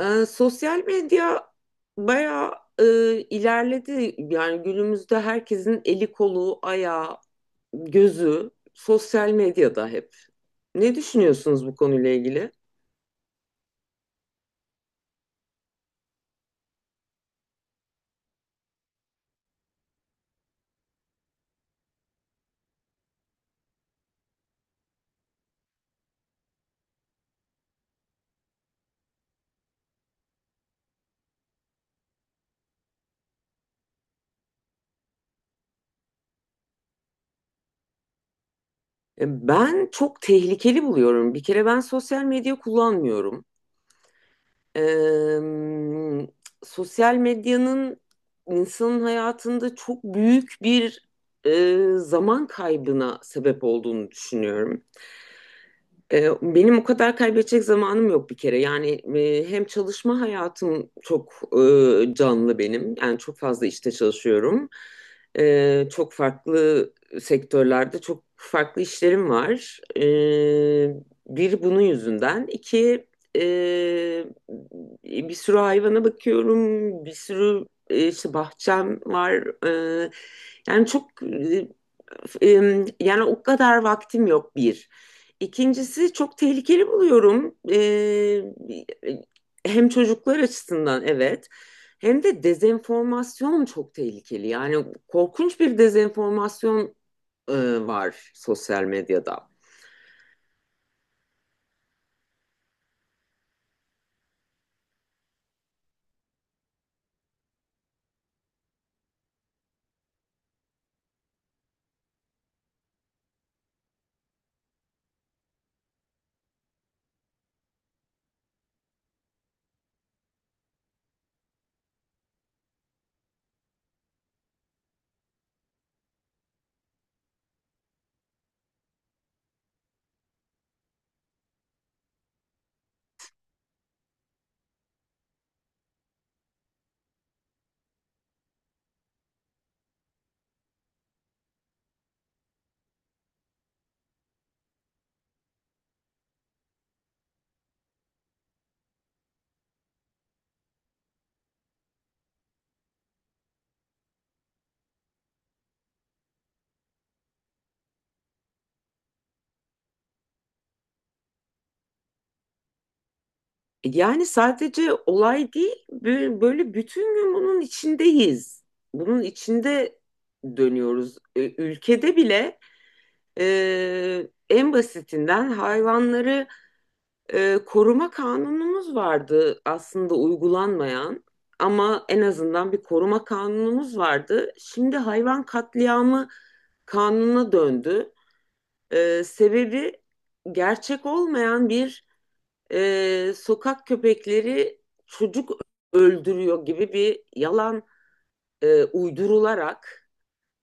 Sosyal medya bayağı e, ilerledi. Yani günümüzde herkesin eli kolu, ayağı, gözü sosyal medyada hep. Ne düşünüyorsunuz bu konuyla ilgili? Ben çok tehlikeli buluyorum. Bir kere ben sosyal medya kullanmıyorum. Eee, Sosyal medyanın insanın hayatında çok büyük bir zaman kaybına sebep olduğunu düşünüyorum. Benim o kadar kaybedecek zamanım yok bir kere. Yani hem çalışma hayatım çok canlı benim. Yani çok fazla işte çalışıyorum. Çok farklı sektörlerde çok farklı işlerim var. Bir bunun yüzünden. İki e, bir sürü hayvana bakıyorum. Bir sürü işte bahçem var. Yani çok yani o kadar vaktim yok bir. İkincisi çok tehlikeli buluyorum. Hem çocuklar açısından evet hem de dezenformasyon çok tehlikeli. Yani korkunç bir dezenformasyon e, var sosyal medyada. Yani sadece olay değil böyle bütün gün bunun içindeyiz. Bunun içinde dönüyoruz. Ülkede bile en basitinden hayvanları koruma kanunumuz vardı, aslında uygulanmayan, ama en azından bir koruma kanunumuz vardı. Şimdi hayvan katliamı kanununa döndü. Sebebi gerçek olmayan bir sokak köpekleri çocuk öldürüyor gibi bir yalan uydurularak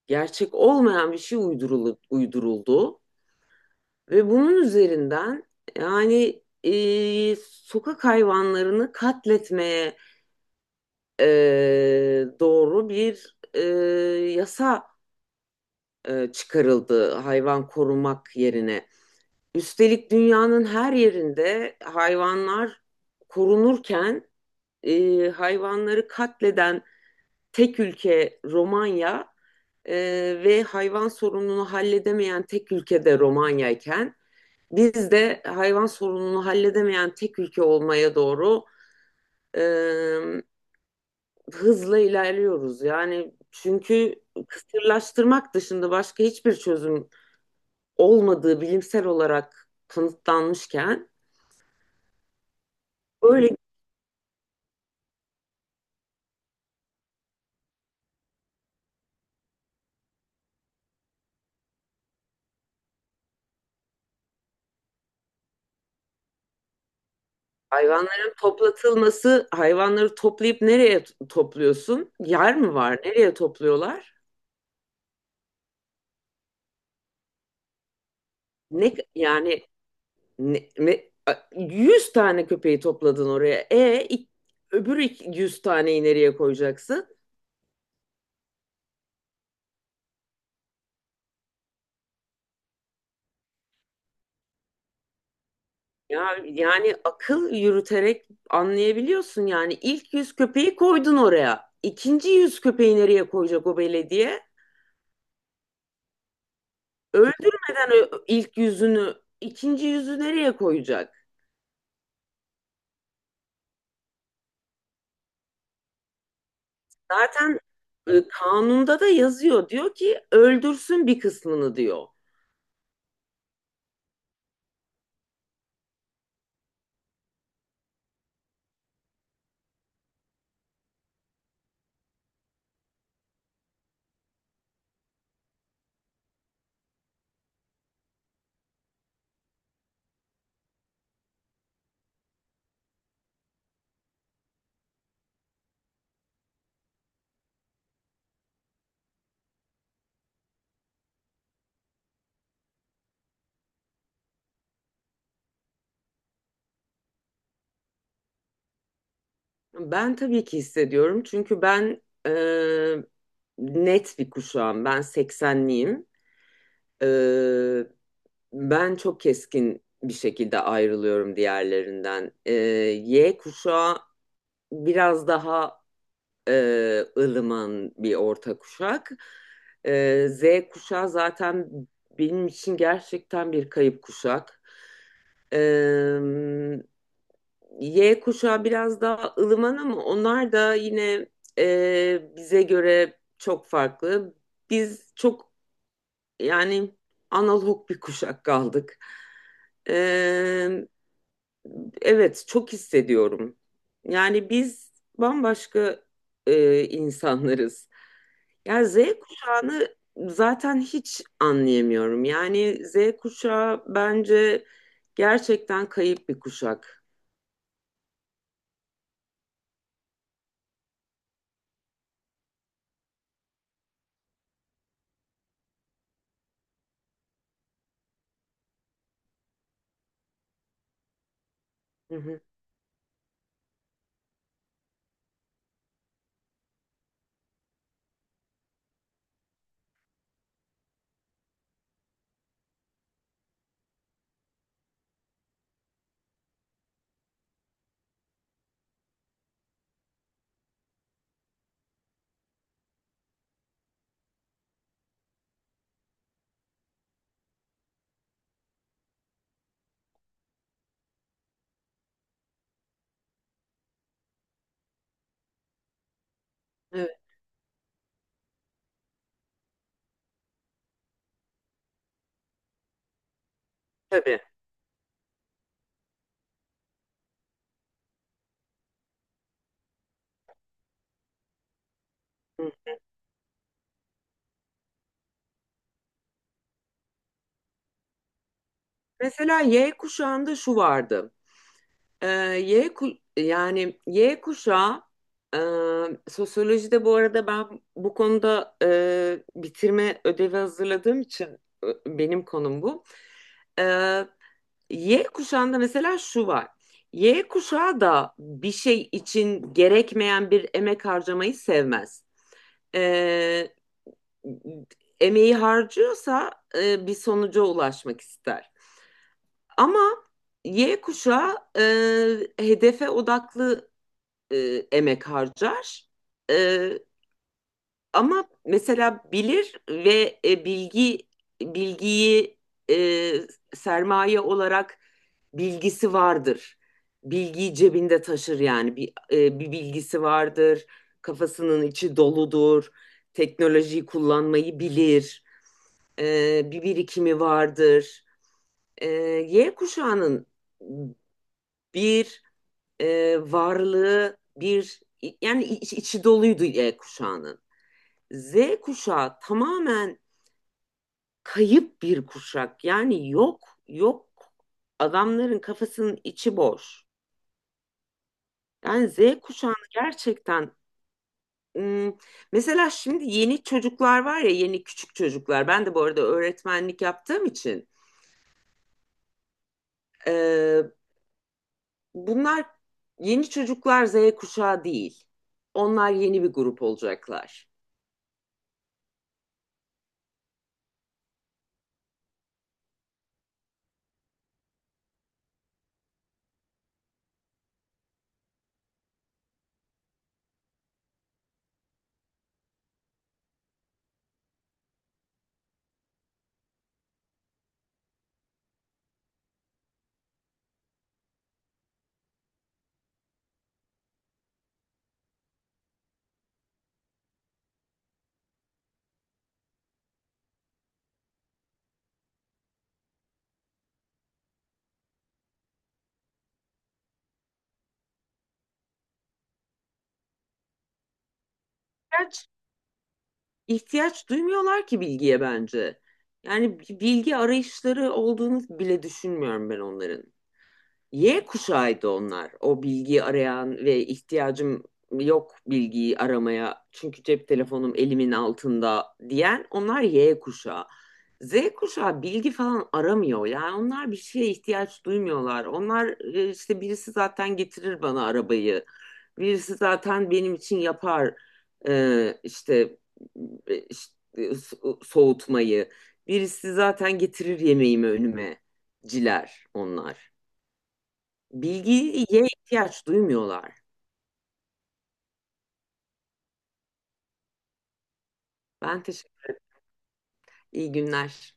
gerçek olmayan bir şey uyduruldu. Ve bunun üzerinden yani sokak hayvanlarını katletmeye e, doğru bir yasa çıkarıldı hayvan korumak yerine. Üstelik dünyanın her yerinde hayvanlar korunurken hayvanları katleden tek ülke Romanya e, ve hayvan sorununu halledemeyen tek ülkede Romanya'yken biz de hayvan sorununu halledemeyen tek ülke olmaya doğru e, hızla ilerliyoruz. Yani çünkü kısırlaştırmak dışında başka hiçbir çözüm olmadığı bilimsel olarak kanıtlanmışken böyle hayvanların toplatılması, hayvanları toplayıp nereye topluyorsun? Yer mi var? Nereye topluyorlar? Ne yani ne, ne- 100 tane köpeği topladın oraya. E öbür 100 taneyi nereye koyacaksın? Ya yani akıl yürüterek anlayabiliyorsun, yani ilk yüz köpeği koydun oraya. İkinci yüz köpeği nereye koyacak o belediye? Öldürmeden ilk yüzünü, ikinci yüzü nereye koyacak? Zaten kanunda da yazıyor. Diyor ki öldürsün bir kısmını diyor. Ben tabii ki hissediyorum, çünkü ben net bir kuşağım. Ben 80'liyim. Ben çok keskin bir şekilde ayrılıyorum diğerlerinden. Y kuşağı biraz daha ılıman bir orta kuşak. Z kuşağı zaten benim için gerçekten bir kayıp kuşak. Ee, Y kuşağı biraz daha ılıman ama onlar da yine bize göre çok farklı. Biz çok yani analog bir kuşak kaldık. Ee, Evet, çok hissediyorum. Yani biz bambaşka insanlarız. Yani Z kuşağını zaten hiç anlayamıyorum. Yani Z kuşağı bence gerçekten kayıp bir kuşak. Hı hı. Evet, tabii. Hı. Mesela Y kuşağında şu vardı. Yani Y kuşağı e, sosyolojide, bu arada ben bu konuda bitirme ödevi hazırladığım için benim konum bu. Ee, Y kuşağında mesela şu var. Y kuşağı da bir şey için gerekmeyen bir emek harcamayı sevmez. Ee, Emeği harcıyorsa bir sonuca ulaşmak ister. Ama Y kuşağı hedefe odaklı emek harcar. E, Ama mesela bilir ve bilgi bilgiyi e, sermaye olarak bilgisi vardır. Bilgiyi cebinde taşır, yani bir bilgisi vardır. Kafasının içi doludur. Teknolojiyi kullanmayı bilir. Bir birikimi vardır. E, Y kuşağının bir varlığı bir yani içi doluydu Y kuşağının. Z kuşağı tamamen kayıp bir kuşak. Yani yok, yok. Adamların kafasının içi boş. Yani Z kuşağını gerçekten, mesela şimdi yeni çocuklar var ya, yeni küçük çocuklar. Ben de bu arada öğretmenlik yaptığım için e, bunlar yeni çocuklar, Z kuşağı değil. Onlar yeni bir grup olacaklar. Gerçi ihtiyaç duymuyorlar ki bilgiye bence. Yani bilgi arayışları olduğunu bile düşünmüyorum ben onların. Y kuşağıydı onlar. O bilgiyi arayan ve ihtiyacım yok bilgiyi aramaya çünkü cep telefonum elimin altında diyen onlar Y kuşağı. Z kuşağı bilgi falan aramıyor. Yani onlar bir şeye ihtiyaç duymuyorlar. Onlar işte birisi zaten getirir bana arabayı. Birisi zaten benim için yapar e, işte, işte soğutmayı. Birisi zaten getirir yemeğimi önüme ciler onlar. Bilgiye ihtiyaç duymuyorlar. Ben teşekkür. İyi günler.